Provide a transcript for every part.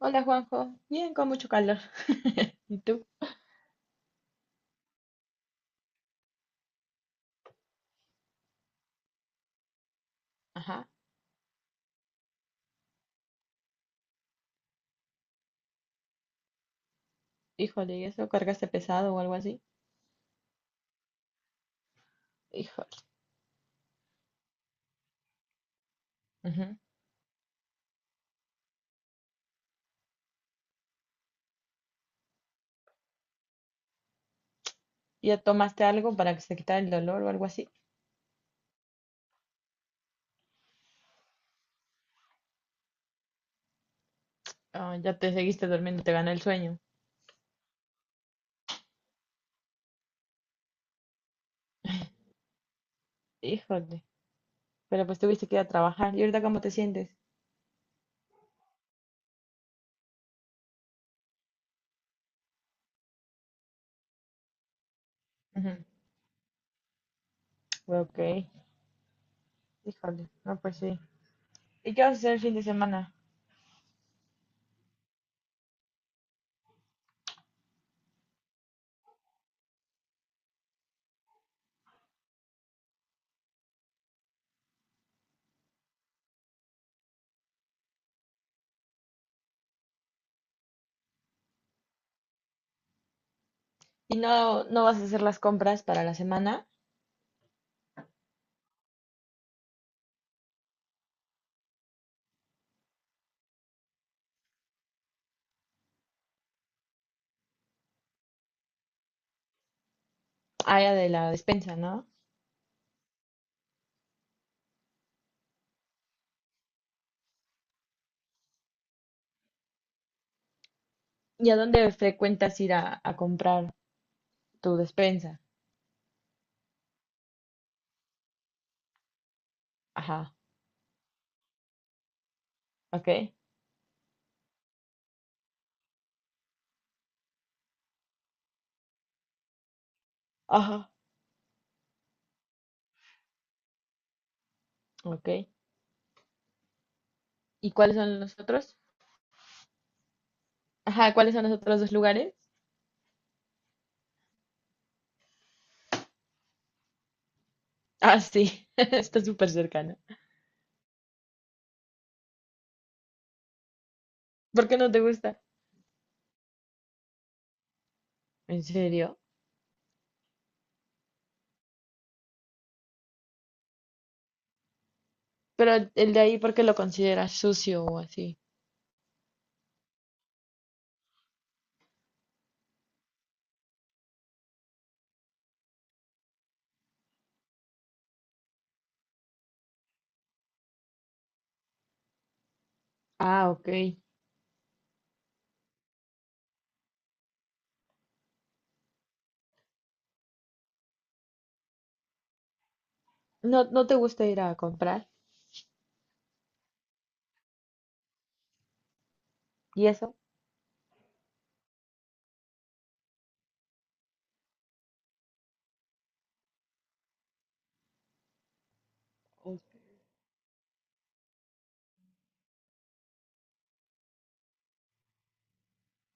Hola Juanjo, bien con mucho calor. ¿Y tú? Ajá, híjole, ¿y eso cargaste pesado o algo así? Híjole. Ujú. ¿Ya tomaste algo para que se quitara el dolor o algo así? Ah, ya te seguiste durmiendo, te ganó el sueño. Híjole, pero pues tuviste que ir a trabajar. ¿Y ahorita cómo te sientes? Ujú. Ok, híjole, no pues sí. ¿Y qué vas a hacer el fin de semana? ¿Y no, no vas a hacer las compras para la semana? Allá de la despensa, ¿no? ¿Y a dónde frecuentas ir a comprar tu despensa? Ajá, ok. Ajá, ok. ¿Y cuáles son los otros? Ajá, ¿cuáles son los otros dos lugares? Ah, sí, está súper cercano. ¿Por qué no te gusta? ¿En serio? Pero el de ahí, ¿por qué lo consideras sucio o así? Ah, ok. ¿No, no te gusta ir a comprar? ¿Y eso? Ok.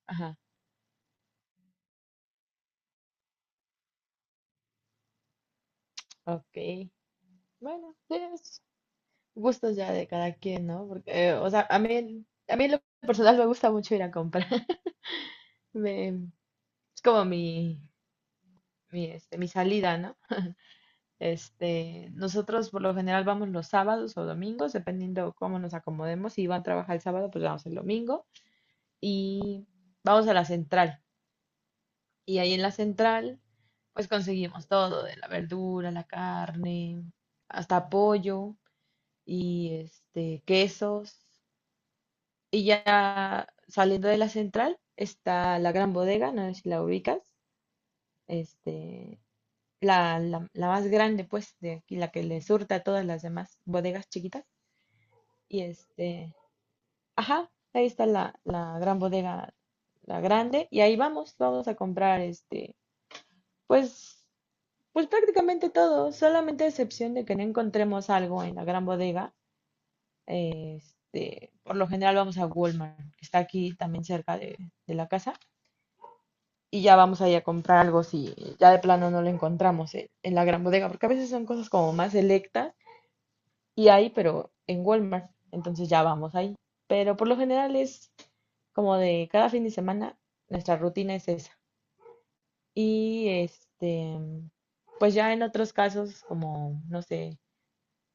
Ajá, ok. Bueno, sí, es gustos ya de cada quien, ¿no? Porque, o sea, a mí, a mí en lo personal me gusta mucho ir a comprar. Me- es como mi salida, ¿no? Este, nosotros por lo general vamos los sábados o domingos, dependiendo cómo nos acomodemos. Si Iván trabaja el sábado, pues vamos el domingo. Y vamos a la central. Y ahí en la central, pues conseguimos todo, de la verdura, la carne, hasta pollo y este, quesos. Y ya saliendo de la central está la gran bodega, no sé si la ubicas, este, la más grande, pues, de aquí, la que le surta a todas las demás bodegas chiquitas. Y este, ajá, ahí está la gran bodega, la grande, y ahí vamos, vamos a comprar este, pues, pues prácticamente todo, solamente a excepción de que no encontremos algo en la gran bodega. Este, por lo general vamos a Walmart, que está aquí también cerca de la casa, y ya vamos ahí a comprar algo si ya de plano no lo encontramos en la gran bodega, porque a veces son cosas como más selectas y hay, pero en Walmart. Entonces ya vamos ahí. Pero por lo general es como de cada fin de semana, nuestra rutina es esa. Y este, pues ya en otros casos, como, no sé,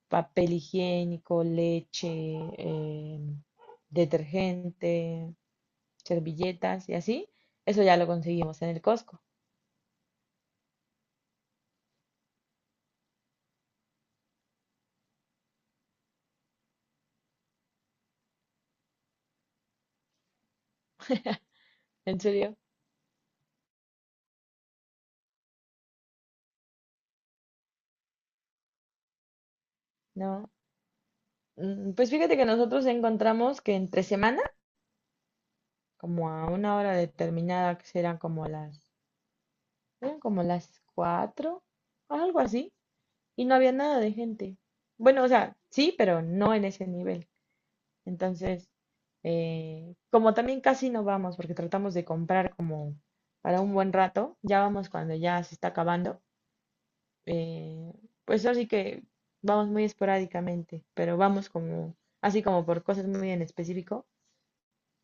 papel higiénico, leche, eh, detergente, servilletas y así, eso ya lo conseguimos en el Costco. ¿En serio? No. Mm, pues fíjate que nosotros encontramos que entre semana, como a una hora determinada, que serán como las eran como las 4, algo así, y no había nada de gente. Bueno, o sea, sí, pero no en ese nivel. Entonces, como también casi no vamos, porque tratamos de comprar como para un buen rato, ya vamos cuando ya se está acabando, eh, pues así que vamos muy esporádicamente, pero vamos como, así como por cosas muy en específico.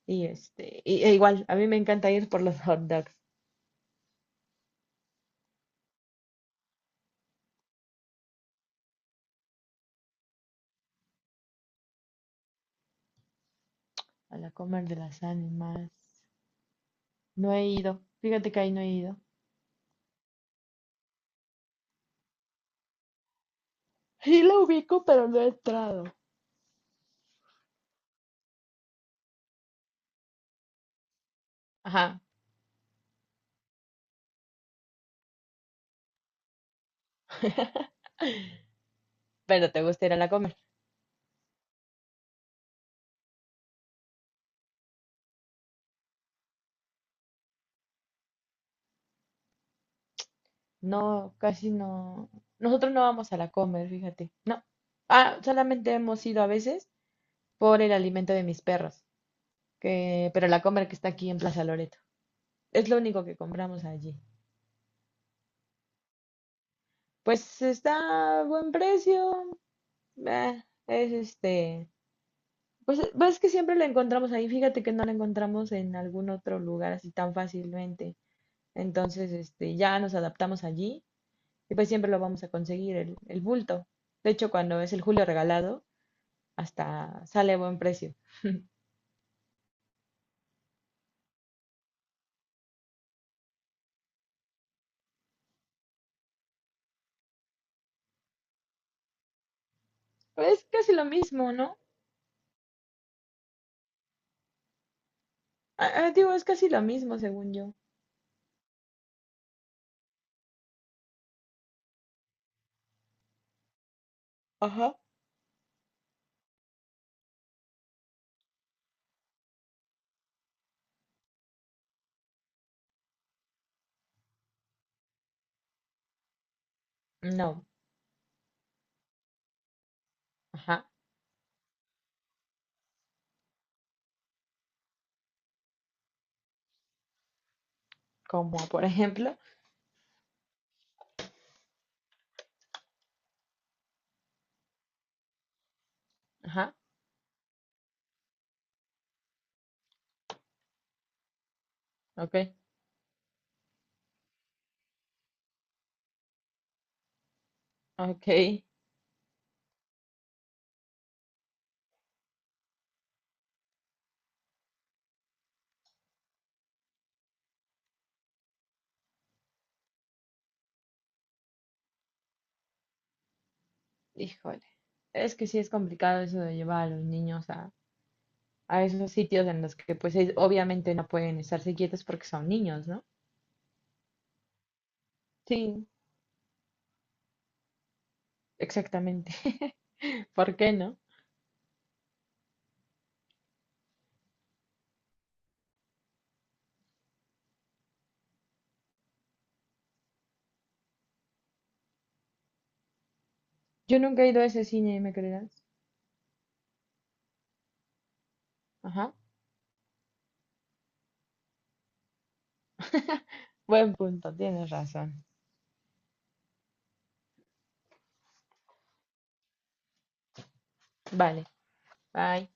Y este, y, e igual, a mí me encanta ir por los hot dogs, a la Comer de las Ánimas. No he ido. Fíjate que ahí no he ido. Sí la ubico, pero no he entrado. Ajá, pero te gusta ir a la Comer. No, casi no. Nosotros no vamos a la Comer, fíjate. No. Ah, solamente hemos ido a veces por el alimento de mis perros, que, pero la Comer que está aquí en Plaza Loreto. Es lo único que compramos allí. Pues está a buen precio. Es este. Pues pues es que siempre lo encontramos ahí. Fíjate que no lo encontramos en algún otro lugar así tan fácilmente. Entonces, este, ya nos adaptamos allí y pues siempre lo vamos a conseguir, el bulto. De hecho, cuando es el julio regalado, hasta sale a buen precio. Pero es casi lo mismo, ¿no? Ah, ah, digo, es casi lo mismo, según yo. Ajá. No, ajá. Como por ejemplo, ajá, ok, ok. Híjole. Es que sí es complicado eso de llevar a los niños a esos sitios en los que pues ellos obviamente no pueden estarse quietos porque son niños, ¿no? Sí, exactamente. ¿Por qué no? Yo nunca he ido a ese cine, ¿me creerás? Ajá. Buen punto, tienes razón. Vale, bye.